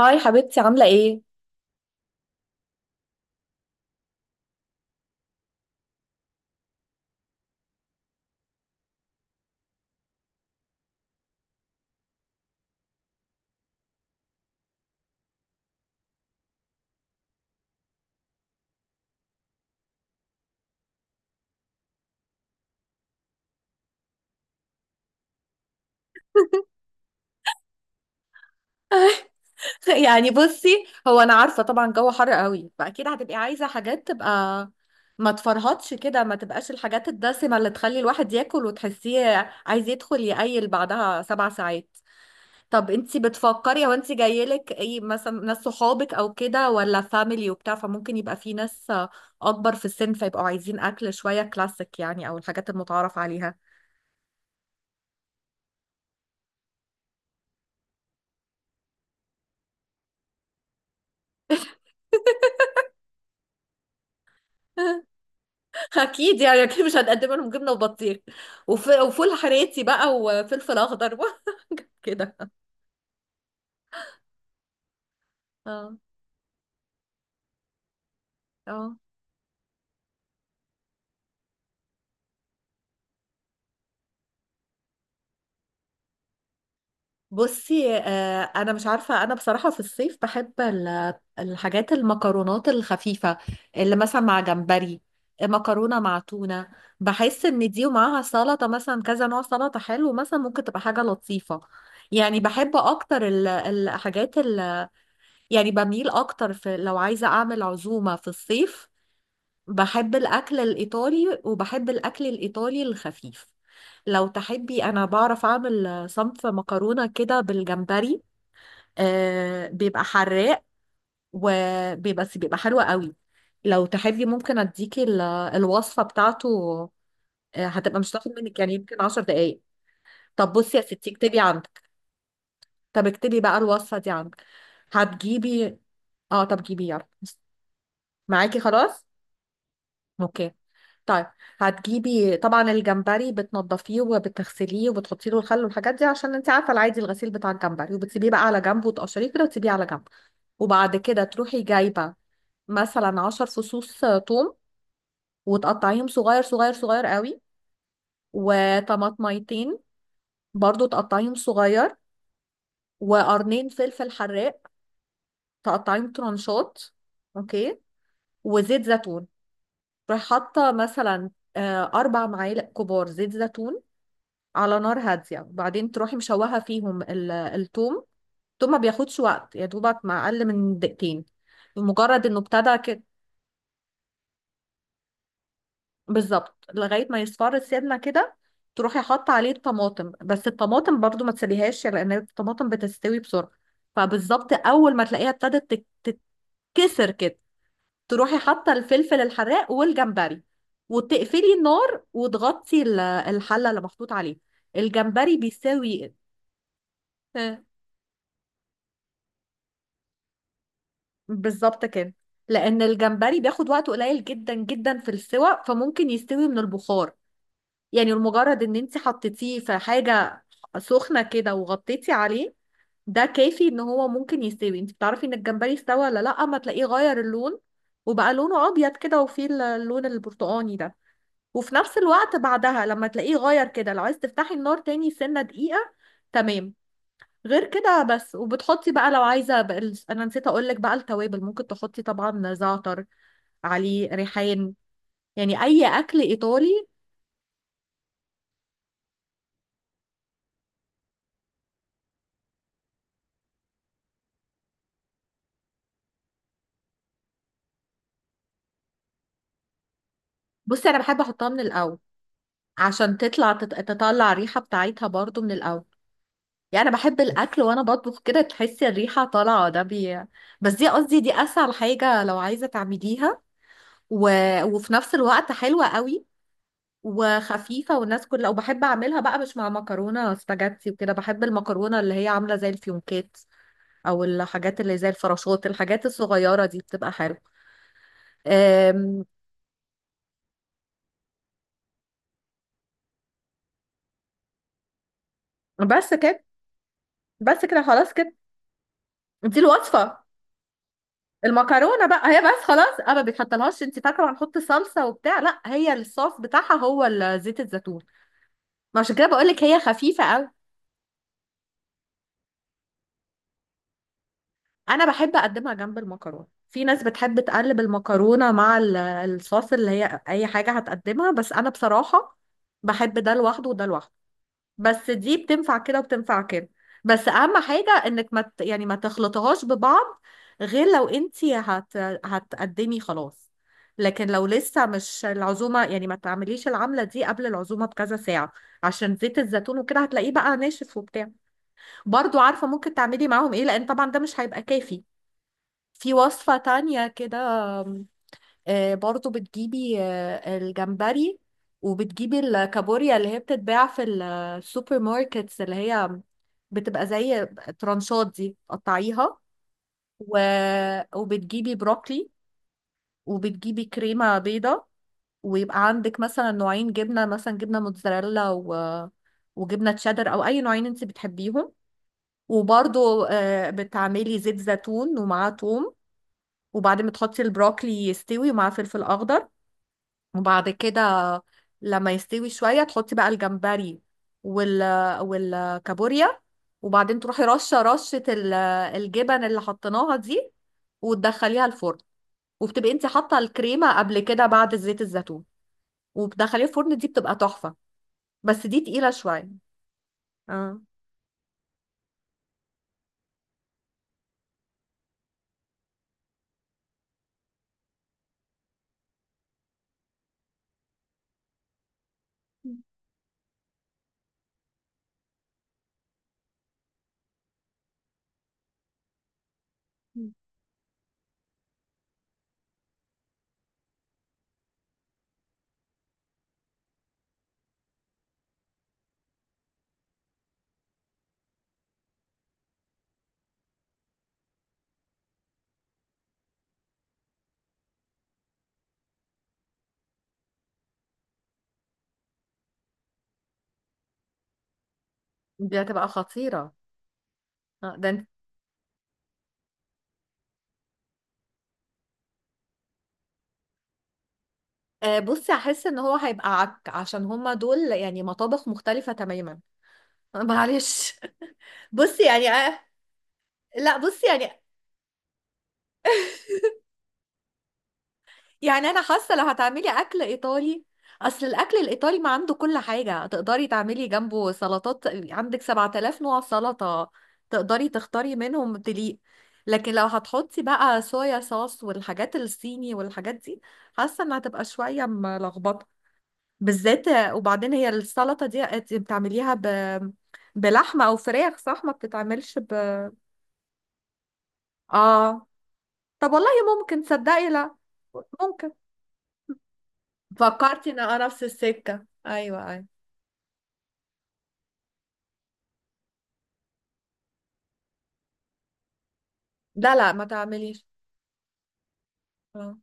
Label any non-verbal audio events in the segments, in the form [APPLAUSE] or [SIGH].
هاي حبيبتي، عاملة ايه؟ [LAUGHS] يعني بصي، هو انا عارفة طبعا جو حر قوي، فاكيد هتبقي عايزة حاجات تبقى ما تفرهطش كده، ما تبقاش الحاجات الدسمة اللي تخلي الواحد ياكل وتحسيه عايز يدخل يقيل بعدها سبع ساعات. طب انتي بتفكري، هو انتي جايلك ايه؟ مثلا ناس صحابك او كده ولا فاميلي وبتاع، فممكن يبقى في ناس اكبر في السن فيبقوا عايزين اكل شوية كلاسيك يعني، او الحاجات المتعارف عليها. [LAUGHS] اكيد يعني، اكيد مش هنقدم لهم جبنه وبطيخ وفول حراتي بقى وفلفل اخضر بقى. [LAUGHS] كده. اه اه، بصي، انا مش عارفه. انا بصراحه في الصيف بحب الحاجات المكرونات الخفيفه، اللي مثلا مع جمبري، مكرونه مع تونه. بحس ان دي ومعاها سلطه، مثلا كذا نوع سلطه حلو، مثلا ممكن تبقى حاجه لطيفه. يعني بحب اكتر يعني بميل اكتر، في لو عايزه اعمل عزومه في الصيف بحب الأكل الإيطالي، وبحب الأكل الإيطالي الخفيف. لو تحبي أنا بعرف أعمل صنف مكرونة كده بالجمبري، آه بيبقى حراق، وبيبقى بس بيبقى حلو قوي. لو تحبي ممكن أديكي الوصفة بتاعته. آه هتبقى مش هتاخد منك يعني يمكن عشر دقايق. طب بصي يا ستي، اكتبي عندك. طب اكتبي بقى الوصفة دي عندك. هتجيبي؟ اه طب جيبي يلا. معاكي خلاص؟ اوكي، طيب. هتجيبي طبعا الجمبري، بتنضفيه وبتغسليه وبتحطي له الخل والحاجات دي عشان انت عارفه العادي الغسيل بتاع الجمبري، وبتسيبيه بقى على جنب وتقشريه كده وتسيبيه على جنب. وبعد كده تروحي جايبه مثلا عشر فصوص توم، وتقطعيهم صغير صغير صغير قوي. وطماطميتين برضو تقطعيهم صغير. وقرنين فلفل حراق تقطعيهم ترانشات. اوكي. وزيت زيتون، تروحي حاطه مثلا اربع معالق كبار زيت زيتون على نار هادية. وبعدين تروحي مشوحة فيهم الثوم. الثوم ما بياخدش وقت، يا دوبك مع أقل من دقيقتين، مجرد إنه ابتدى كده. بالظبط، لغاية ما يصفر السمنة كده تروحي حاطة عليه الطماطم، بس الطماطم برضو ما تسليهاش لأن الطماطم بتستوي بسرعة. فبالظبط أول ما تلاقيها ابتدت تت- تتكسر كده، تروحي حاطة الفلفل الحراق والجمبري، وتقفلي النار وتغطي الحلة اللي محطوط عليه الجمبري، بيساوي. بالظبط كده. لان الجمبري بياخد وقت قليل جدا جدا في السوى، فممكن يستوي من البخار. يعني المجرد ان انت حطيتيه في حاجه سخنه كده وغطيتي عليه، ده كافي ان هو ممكن يستوي. انت بتعرفي ان الجمبري استوى ولا لا، اما تلاقيه غير اللون وبقى لونه ابيض كده، وفيه اللون البرتقاني ده. وفي نفس الوقت بعدها لما تلاقيه غير كده لو عايز تفتحي النار تاني سنه دقيقه. تمام غير كده بس. وبتحطي بقى لو عايزه بقى انا نسيت اقول لك بقى التوابل، ممكن تحطي طبعا زعتر، عليه ريحان، يعني اي اكل ايطالي. بصي انا بحب احطها من الاول عشان تطلع تطلع الريحه بتاعتها برضو من الاول. يعني انا بحب الاكل وانا بطبخ كده تحسي الريحه طالعه بس دي قصدي، دي اسهل حاجه لو عايزه تعمليها. و... وفي نفس الوقت حلوه قوي وخفيفه، والناس كلها. وبحب اعملها بقى مش مع مكرونه سباجيتي وكده، بحب المكرونه اللي هي عامله زي الفيونكات، او الحاجات اللي زي الفراشات، الحاجات الصغيره دي بتبقى حلوه. أم، بس كده. بس كده خلاص كده. دي الوصفه. المكرونه بقى هي بس خلاص، انا ما بتحطلهاش. انت فاكره هنحط صلصه وبتاع؟ لا، هي الصوص بتاعها هو زيت الزيتون. ما عشان كده بقول لك هي خفيفه قوي. انا بحب اقدمها جنب المكرونه، في ناس بتحب تقلب المكرونه مع الصوص اللي هي اي حاجه هتقدمها، بس انا بصراحه بحب ده لوحده وده لوحده. بس دي بتنفع كده وبتنفع كده. بس اهم حاجة انك ما ت- يعني ما تخلطهاش ببعض، غير لو انتي هتقدمي خلاص. لكن لو لسه مش العزومة، يعني ما تعمليش العملة دي قبل العزومة بكذا ساعة، عشان زيت الزيتون وكده هتلاقيه بقى ناشف وبتاع. برضو عارفة ممكن تعملي معاهم ايه، لان طبعا ده مش هيبقى كافي. في وصفة تانية كده، برضو بتجيبي الجمبري، وبتجيبي الكابوريا اللي هي بتتباع في السوبر ماركتس، اللي هي بتبقى زي ترانشات دي تقطعيها. و... وبتجيبي بروكلي، وبتجيبي كريمة بيضة. ويبقى عندك مثلا نوعين جبنة، مثلا جبنة موتزاريلا وجبنة تشيدر، أو أي نوعين أنت بتحبيهم. وبرضو بتعملي زيت زيتون ومعاه توم، وبعدين بتحطي البروكلي يستوي ومعاه فلفل أخضر. وبعد كده لما يستوي شوية تحطي بقى الجمبري وال والكابوريا. وبعدين تروحي رشة رشة الجبن اللي حطيناها دي، وتدخليها الفرن. وبتبقي انت حاطة الكريمة قبل كده بعد زيت الزيتون، وبتدخليها الفرن. دي بتبقى تحفة. بس دي تقيلة شوية. اه دي هتبقى خطيرة. ده انت. بصي هحس ان هو هيبقى عك، عشان هما دول يعني مطابخ مختلفة تماما. [LAUGHS] معلش. بصي يعني لا بصي يعني، يعني انا حاسه لو هتعملي اكل ايطالي، اصل الاكل الايطالي ما عنده كل حاجه تقدري تعملي جنبه سلطات. عندك 7000 نوع سلطه تقدري تختاري منهم تليق. لكن لو هتحطي بقى صويا صوص والحاجات الصيني والحاجات دي، حاسه انها هتبقى شويه ملخبطه. بالذات. وبعدين هي السلطه دي أنت بتعمليها بلحمه او فراخ، صح؟ ما بتتعملش ب اه. طب والله ممكن تصدقي، لا ممكن فكرتي ان انا نفس السكه، ايوه ايوه. لا لا ما تعمليش. اه.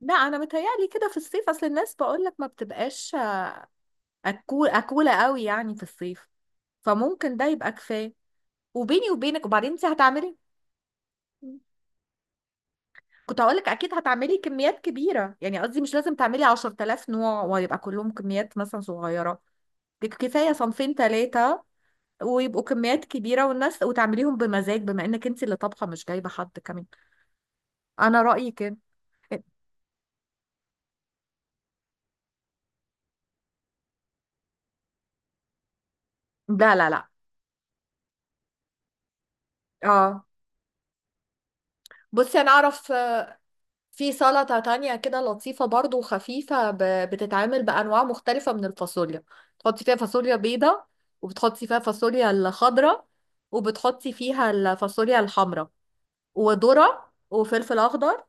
لا انا متهيألي كده في الصيف، اصل الناس بقولك ما بتبقاش أكولة قوي يعني في الصيف، فممكن ده يبقى كفايه. وبيني وبينك وبعدين انت هتعملي، كنت هقولك اكيد هتعملي كميات كبيره، يعني قصدي مش لازم تعملي 10,000 نوع ويبقى كلهم كميات مثلا صغيره. كفايه صنفين ثلاثه، ويبقوا كميات كبيره والناس، وتعمليهم بمزاج بما انك انت اللي طبخه مش جايبه حد كمان. انا رأيي كده. لا لا لا. اه بصي انا اعرف في سلطة تانية كده لطيفة برضو وخفيفة، بتتعمل بانواع مختلفة من الفاصوليا. تحطي فيها فاصوليا بيضة، وبتحطي فيها فاصوليا الخضراء، وبتحطي فيها الفاصوليا الحمراء، وذرة وفلفل اخضر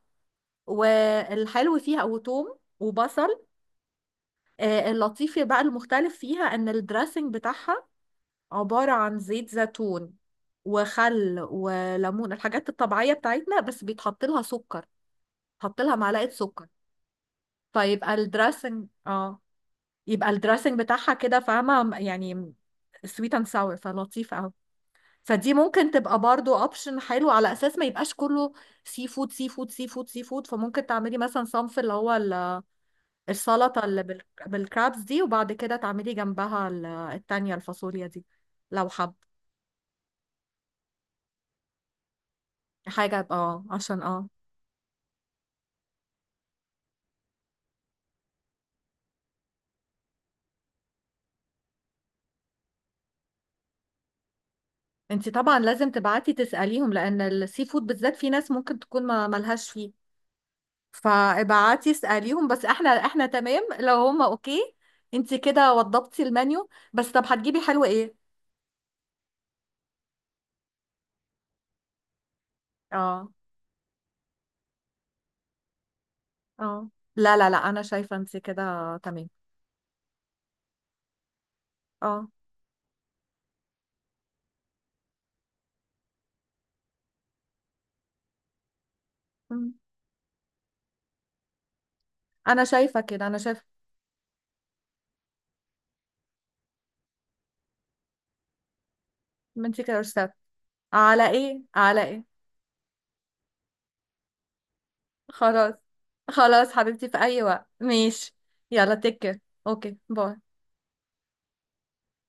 والحلو فيها وتوم وبصل. اللطيف بقى المختلف فيها ان الدريسنج بتاعها عبارة عن زيت زيتون وخل وليمون الحاجات الطبيعية بتاعتنا، بس بيتحط لها سكر. حط لها معلقه سكر، فيبقى الدراسنج، اه، يبقى الدراسنج بتاعها كده، فاهمه يعني؟ سويت اند ساور، فلطيف قوي. فدي ممكن تبقى برضو اوبشن حلو على اساس ما يبقاش كله سي فود سي فود سي فود سي فود. فممكن تعملي مثلا صنف اللي هو السلطه اللي بالكرابس دي، وبعد كده تعملي جنبها التانية الفاصوليا دي لو حب حاجه، يبقى اه عشان اه. انت طبعا لازم تبعتي تسأليهم، لان السي فود بالذات في ناس ممكن تكون ما ملهاش فيه. فابعتي اسأليهم، بس احنا تمام لو هما اوكي. انت كده وضبتي المنيو، بس طب هتجيبي حلو ايه؟ اه اه. لا لا لا انا شايفة انت كده تمام. اه، مم. انا شايفة كده، انا شايفة. ما انت كده رشاد. على ايه، على ايه. خلاص. خلاص حبيبتي، في اي وقت ماشي. يلا تك كير. اوكي باي.